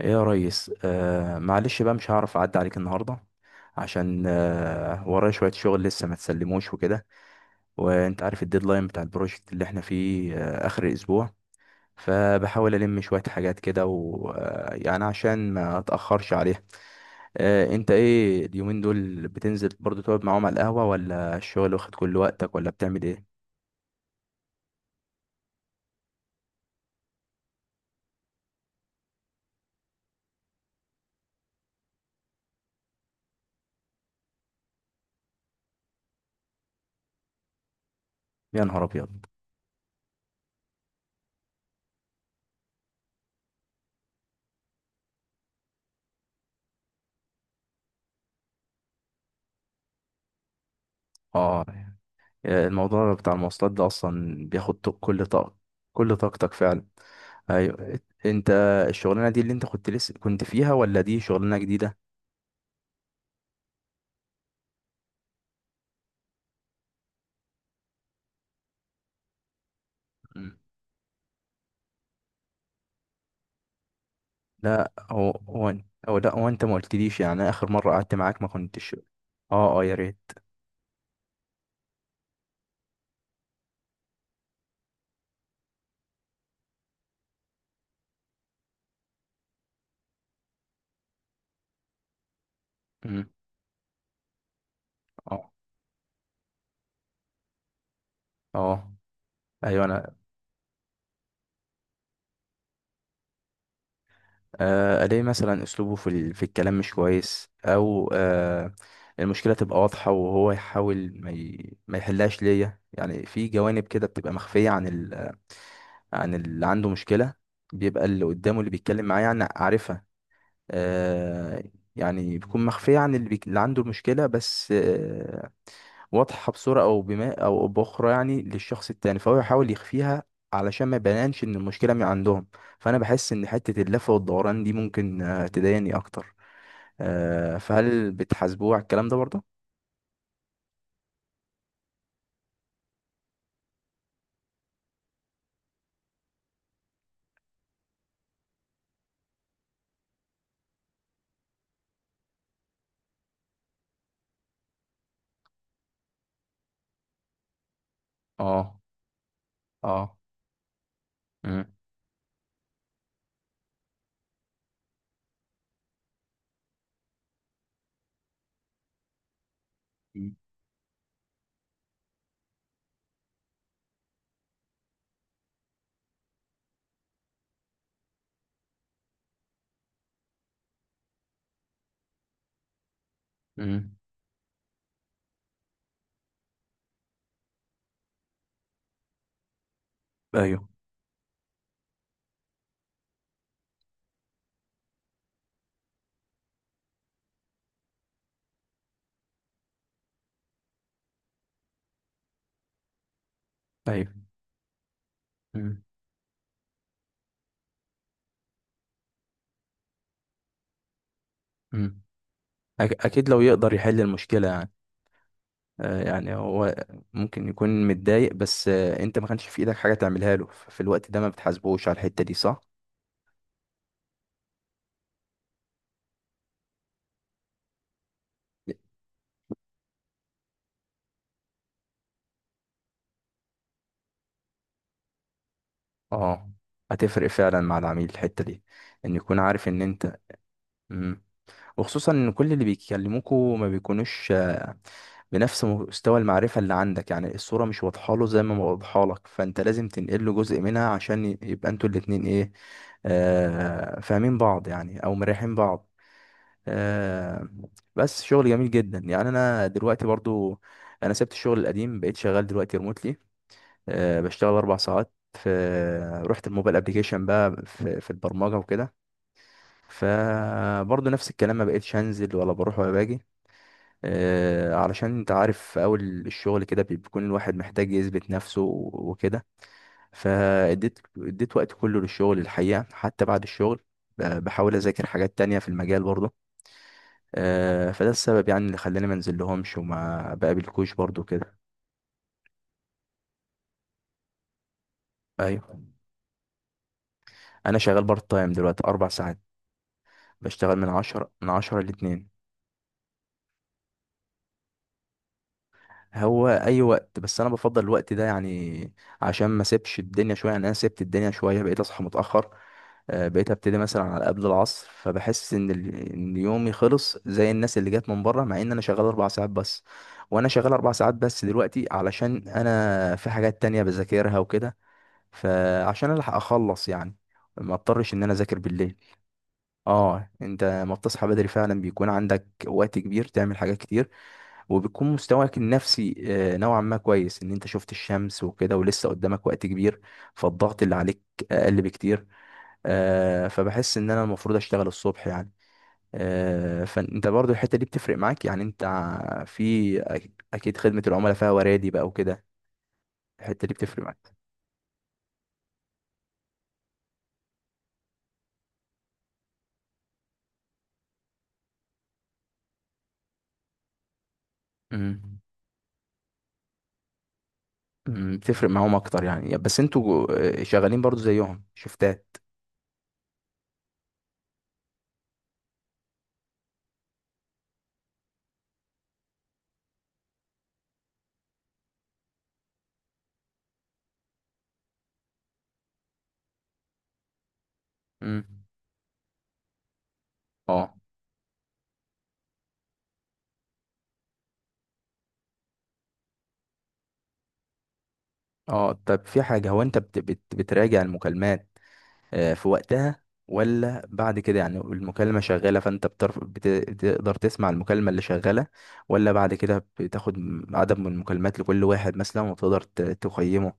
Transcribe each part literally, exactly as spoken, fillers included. ايه يا ريس، آه معلش بقى، مش هعرف اعدي عليك النهارده. عشان آه ورايا شويه شغل لسه ما تسلموش وكده. وانت عارف الديدلاين بتاع البروجكت اللي احنا فيه آه اخر الاسبوع. فبحاول الم شويه حاجات كده، ويعني عشان ما اتاخرش عليها. آه انت ايه اليومين دول؟ بتنزل برضو تقعد معاهم على القهوه، ولا الشغل واخد كل وقتك، ولا بتعمل ايه؟ يا نهار ابيض! اه. الموضوع بتاع المواصلات ده اصلا بياخد كل طاقه، كل طاقتك فعلا. ايوه. انت الشغلانه دي اللي انت كنت لسه كنت فيها، ولا دي شغلانه جديده؟ مم. لا، هو هو او لا، هو انت ما قلتليش، يعني أنا اخر مره قعدت معاك ما كنتش. اه اه، يا ريت. مم. اه اه. ايوه، انا. آه الاقي مثلا اسلوبه في ال... في الكلام مش كويس، او آه المشكله تبقى واضحه، وهو يحاول ما ي... ما يحلهاش ليا، يعني في جوانب كده بتبقى مخفيه عن ال... عن اللي عنده مشكله. بيبقى اللي قدامه، اللي بيتكلم معاه، يعني عارفها. آه، يعني بتكون مخفية عن اللي, بيك... اللي عنده المشكلة، بس آه، واضحة بصورة أو بما أو بأخرى يعني للشخص التاني، فهو يحاول يخفيها علشان ما يبانش إن المشكلة من عندهم. فأنا بحس إن حتة اللف والدوران دي ممكن آه، تضايقني أكتر. آه، فهل بتحاسبوه على الكلام ده برضه؟ اه اه. مم. مم. مم. ايوه ايوه. مم. مم. أك- اكيد لو يقدر يحل المشكله يعني. آه، يعني هو ممكن يكون متضايق، بس آه، انت ما كانش في ايدك حاجه تعملها له، ففي الوقت ده ما بتحاسبوش على الحته دي، صح؟ اه. هتفرق فعلا مع العميل الحته دي، ان يكون عارف ان انت. مم. وخصوصا ان كل اللي بيكلموكوا ما بيكونوش آه، بنفس مستوى المعرفه اللي عندك، يعني الصوره مش واضحه له زي ما واضحه لك، فانت لازم تنقل له جزء منها عشان ي- يبقى انتوا الاتنين ايه، آه فاهمين بعض يعني، او مريحين بعض. آه، بس شغل جميل جدا يعني. انا دلوقتي برضو، انا سبت الشغل القديم، بقيت شغال دلوقتي ريموتلي. آه، بشتغل اربع ساعات في، رحت الموبايل ابليكيشن بقى في, في البرمجه وكده. فبرضو نفس الكلام، ما بقيتش هنزل ولا بروح ولا باجي. آه، علشان انت عارف في اول الشغل كده بيكون الواحد محتاج يثبت نفسه وكده. فاديت اديت وقت كله للشغل الحقيقه، حتى بعد الشغل. آه، بحاول اذاكر حاجات تانية في المجال برضو. آه، فده السبب يعني اللي خلاني ما انزل لهمش وما بقابلكوش برضو كده. ايوه، انا شغال بارت تايم دلوقتي، اربع ساعات. بشتغل من عشرة من عشرة لاتنين. هو اي وقت، بس انا بفضل الوقت ده يعني عشان ما سيبش الدنيا شويه، يعني انا سبت الدنيا شويه بقيت اصحى متاخر. آه، بقيت ابتدي مثلا على قبل العصر، فبحس ان ال- ان يومي خلص زي الناس اللي جت من بره، مع ان انا شغال اربع ساعات بس. وانا شغال اربع ساعات بس دلوقتي علشان انا في حاجات تانية بذاكرها وكده، فعشان الحق اخلص يعني ما اضطرش ان انا اذاكر بالليل. اه. انت ما بتصحى بدري فعلا بيكون عندك وقت كبير تعمل حاجات كتير، وبيكون مستواك النفسي آه، نوعا ما كويس، ان انت شفت الشمس وكده ولسه قدامك وقت كبير، فالضغط اللي عليك اقل بكتير. آه، فبحس ان انا المفروض اشتغل الصبح يعني. آه، فانت برضو الحتة دي بتفرق معاك يعني، انت ع- في أك- اكيد خدمة العملاء فيها ورادي بقى وكده. الحتة دي بتفرق معاك. مم. مم، تفرق معاهم اكتر يعني، بس انتوا جو- آه، شغالين برضو زيهم شفتات. مم. اه اه. طب في حاجة، هو انت بت بت بتراجع المكالمات آه، في وقتها، ولا بعد كده يعني؟ المكالمة شغالة فانت بترف... بت... بتقدر تسمع المكالمة اللي شغالة، ولا بعد كده بتاخد عدد من المكالمات لكل واحد مثلا، وتقدر ت- تقيمه؟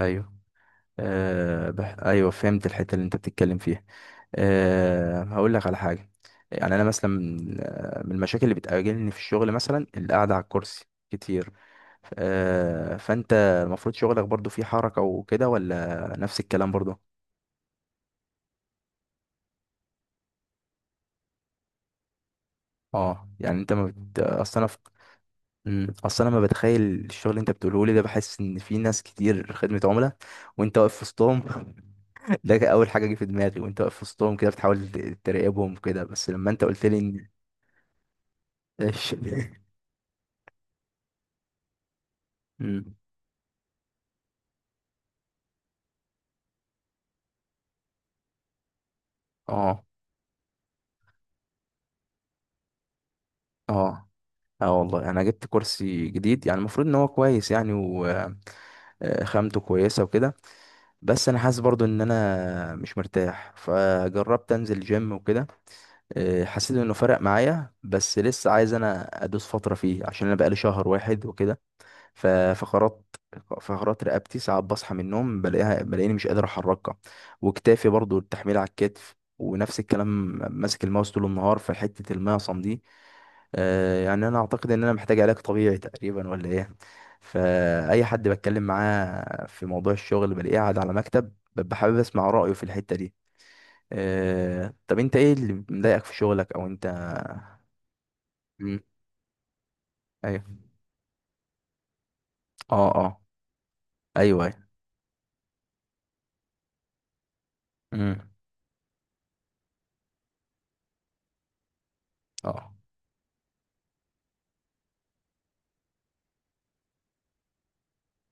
ايوه. آه بح... ايوه فهمت الحته اللي انت بتتكلم فيها. آه هقول لك على حاجه. يعني انا مثلا من آه، من المشاكل اللي بتقابلني في الشغل مثلا، القعده على الكرسي كتير. آه فانت، المفروض شغلك برضو فيه حركه وكده، ولا نفس الكلام برضو؟ اه. يعني انت ما بت... اصل انا في... مم، اصل انا ما بتخيل الشغل اللي انت بتقوله لي ده، بحس ان في ناس كتير خدمه عملاء وانت واقف في وسطهم. ده كان اول حاجه جه في دماغي، وانت واقف في وسطهم كده بتحاول تراقبهم كده، بس لما انت قلت لي ان... ايش؟ مم. اه اه اه. والله انا جبت كرسي جديد، يعني المفروض ان هو كويس يعني، و آه، خامته كويسه وكده. بس انا حاسس برضو ان انا مش مرتاح، فجربت انزل جيم وكده. آه، حسيت انه فرق معايا، بس لسه عايز انا ادوس فتره فيه عشان انا بقالي شهر واحد وكده. ف- فقرات فقرات رقبتي ساعات بصحى من النوم بلاقيها بلاقيني مش قادر احركها، وكتافي برضو التحميل على الكتف ونفس الكلام. ماسك الماوس طول النهار في حتة المعصم دي. آه يعني انا اعتقد ان انا محتاج علاج طبيعي تقريبا، ولا ايه؟ فاي حد بتكلم معاه في موضوع الشغل بلاقيه قاعد على مكتب، ببقى حابب اسمع رأيه في الحتة دي. آه طب انت ايه اللي مضايقك في شغلك، او انت. مم. ايوه. اه اه. ايوه ايوه. مم. اه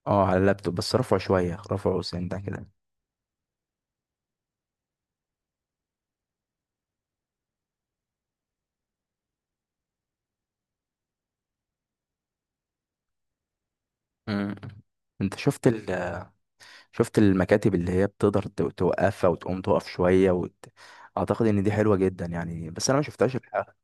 اه. على اللابتوب بس، رفعه شوية رفعه سنة كده. مم. انت شفت ال... شفت المكاتب اللي هي بتقدر ت- توقفها وتقوم تقف شوية وت... اعتقد ان دي حلوة جدا يعني، بس انا ما شفتهاش الحقيقة.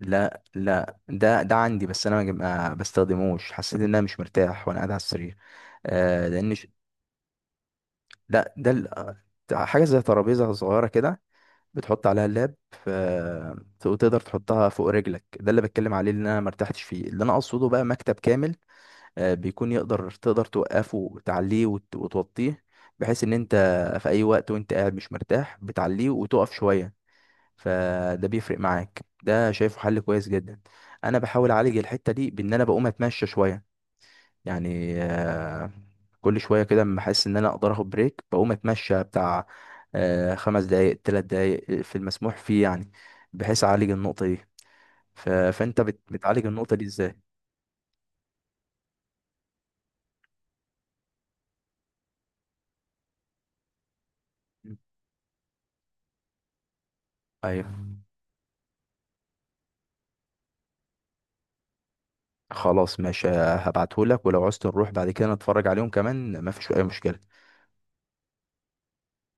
لا لا، ده ده عندي بس انا ما جم- ما بستخدموش، حسيت ان انا مش مرتاح وانا قاعد على السرير. آه لان ش... لا، ده ال... آه، حاجة زي ترابيزة صغيرة كده، بتحط عليها اللاب، آه، وتقدر تحطها فوق رجلك، ده اللي بتكلم عليه اللي انا ما ارتحتش فيه. اللي انا اقصده بقى مكتب كامل، آه، بيكون يقدر تقدر توقفه وتعليه وت- وتوطيه، بحيث ان انت في اي وقت وانت قاعد مش مرتاح بتعليه وتقف شوية، فده بيفرق معاك، ده شايفه حل كويس جدا. انا بحاول اعالج الحتة دي بان انا بقوم اتمشى شوية، يعني آه، كل شوية كده لما احس ان انا اقدر اخد بريك، بقوم اتمشى بتاع آه، خمس دقايق تلات دقايق، في المسموح فيه يعني، بحيث اعالج النقطة دي. ف... فانت بت... بتعالج النقطة دي ازاي؟ ايوه خلاص ماشي، هبعتهولك، ولو عوزت نروح بعد كده نتفرج عليهم كمان مفيش اي مشكلة.